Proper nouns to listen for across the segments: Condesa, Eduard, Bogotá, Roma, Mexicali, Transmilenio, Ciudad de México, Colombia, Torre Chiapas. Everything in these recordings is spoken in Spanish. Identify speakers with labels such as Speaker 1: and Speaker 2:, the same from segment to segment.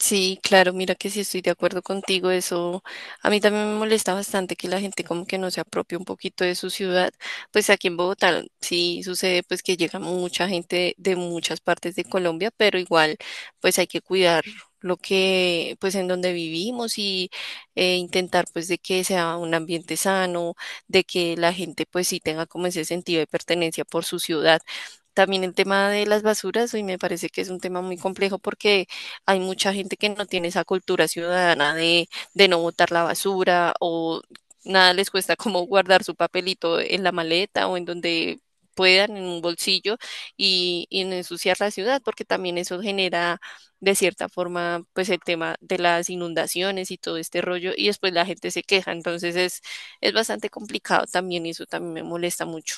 Speaker 1: Sí, claro, mira que sí estoy de acuerdo contigo. Eso a mí también me molesta bastante que la gente como que no se apropie un poquito de su ciudad. Pues aquí en Bogotá sí sucede pues que llega mucha gente muchas partes de Colombia, pero igual pues hay que cuidar lo que pues en donde vivimos y intentar pues de que sea un ambiente sano, de que la gente pues sí tenga como ese sentido de pertenencia por su ciudad. También el tema de las basuras, hoy me parece que es un tema muy complejo porque hay mucha gente que no tiene esa cultura ciudadana de no botar la basura o nada les cuesta como guardar su papelito en la maleta o en donde puedan, en un bolsillo y no ensuciar la ciudad, porque también eso genera de cierta forma pues el tema de las inundaciones y todo este rollo y después la gente se queja, es bastante complicado también y eso también me molesta mucho.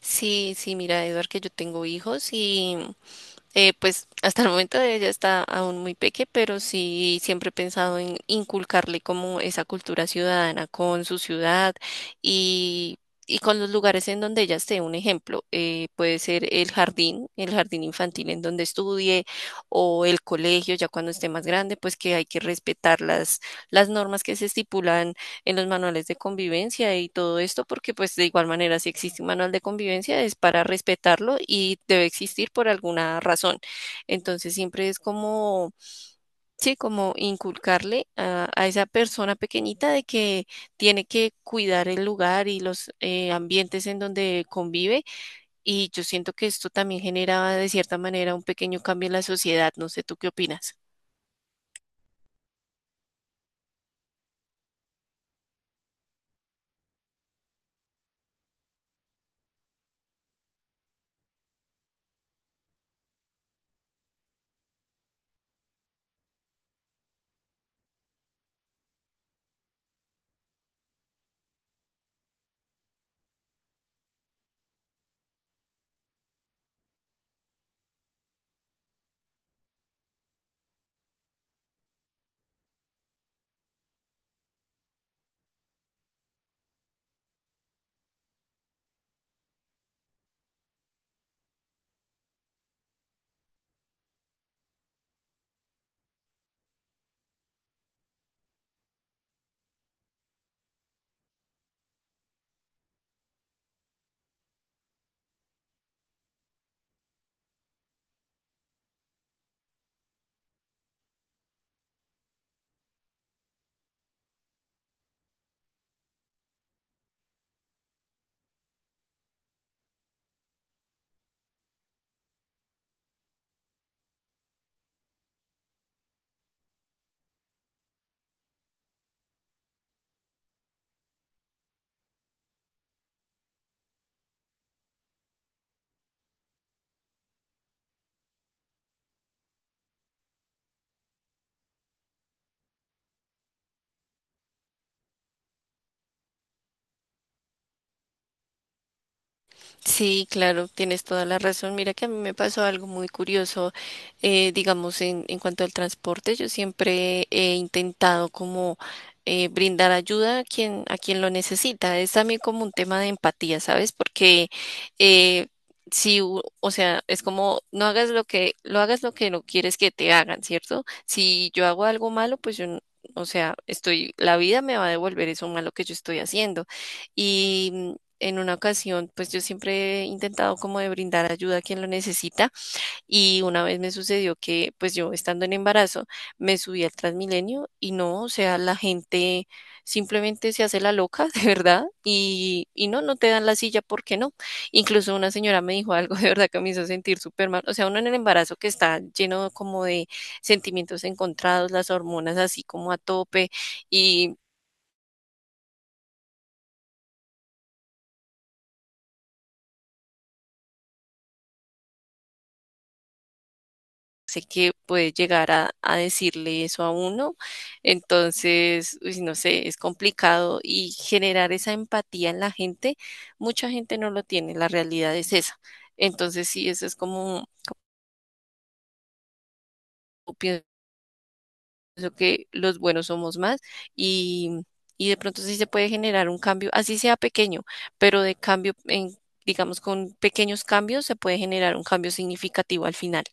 Speaker 1: Sí, sí, mira, Eduard, que yo tengo hijos y pues hasta el momento ella está aún muy peque, pero sí siempre he pensado en inculcarle como esa cultura ciudadana con su ciudad y, y con los lugares en donde ella esté. Un ejemplo, puede ser el jardín infantil en donde estudie o el colegio ya cuando esté más grande, pues que hay que respetar las normas que se estipulan en los manuales de convivencia y todo esto, porque pues de igual manera si existe un manual de convivencia es para respetarlo y debe existir por alguna razón. Entonces siempre es como, sí, como inculcarle a esa persona pequeñita de que tiene que cuidar el lugar y los ambientes en donde convive. Y yo siento que esto también genera de cierta manera un pequeño cambio en la sociedad. No sé, ¿tú qué opinas? Sí, claro, tienes toda la razón. Mira que a mí me pasó algo muy curioso, digamos, en cuanto al transporte. Yo siempre he intentado como brindar ayuda a a quien lo necesita. Es también como un tema de empatía, ¿sabes? Porque eh, si, u- o sea, es como no hagas lo hagas lo que no quieres que te hagan, ¿cierto? Si yo hago algo malo, o sea, estoy, la vida me va a devolver eso malo que yo estoy haciendo en una ocasión, pues yo siempre he intentado como de brindar ayuda a quien lo necesita y una vez me sucedió que pues yo estando en embarazo me subí al Transmilenio y no, o sea, la gente simplemente se hace la loca, de verdad, y, no te dan la silla, ¿por qué no? Incluso una señora me dijo algo de verdad que me hizo sentir súper mal, o sea, uno en el embarazo que está lleno como de sentimientos encontrados, las hormonas así como a tope y sé que puede llegar a decirle eso a uno. Entonces, uy, no sé, es complicado y generar esa empatía en la gente, mucha gente no lo tiene, la realidad es esa. Entonces, sí, eso es como, yo pienso que los buenos somos más y, y de pronto sí se puede generar un cambio, así sea pequeño, pero de cambio en... Digamos, con pequeños cambios se puede generar un cambio significativo al final.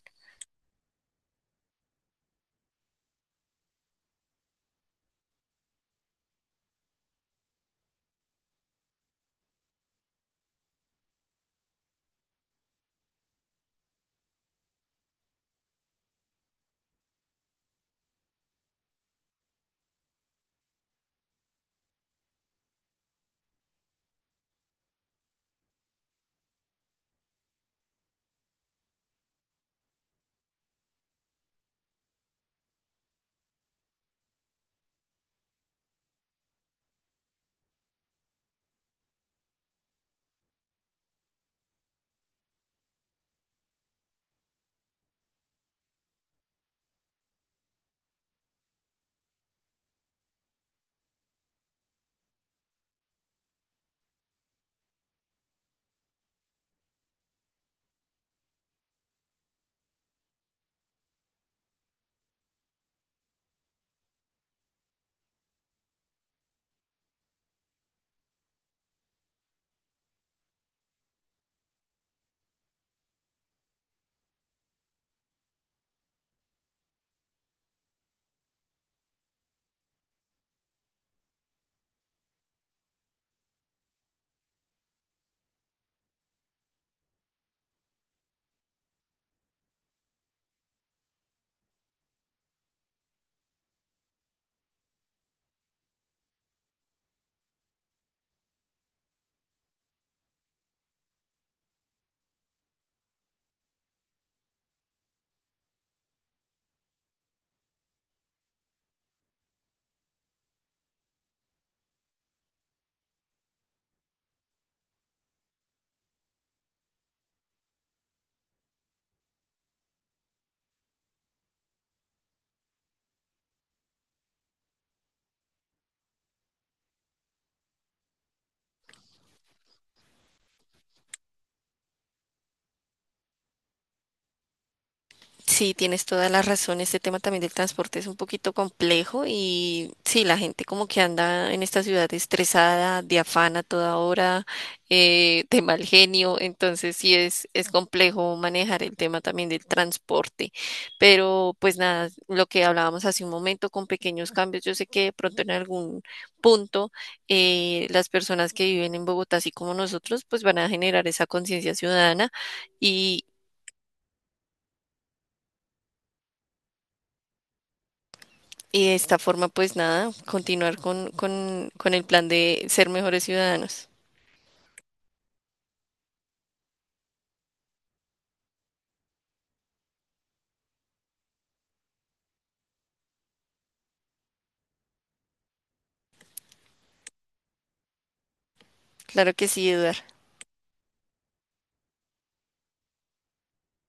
Speaker 1: Sí, tienes toda la razón. Este tema también del transporte es un poquito complejo y sí, la gente como que anda en esta ciudad estresada, de afán a toda hora, de mal genio. Es complejo manejar el tema también del transporte. Pero pues nada, lo que hablábamos hace un momento con pequeños cambios, yo sé que de pronto en algún punto las personas que viven en Bogotá, así como nosotros, pues van a generar esa conciencia ciudadana. Y de esta forma, pues nada, continuar con el plan de ser mejores ciudadanos. Claro que sí, Eduard.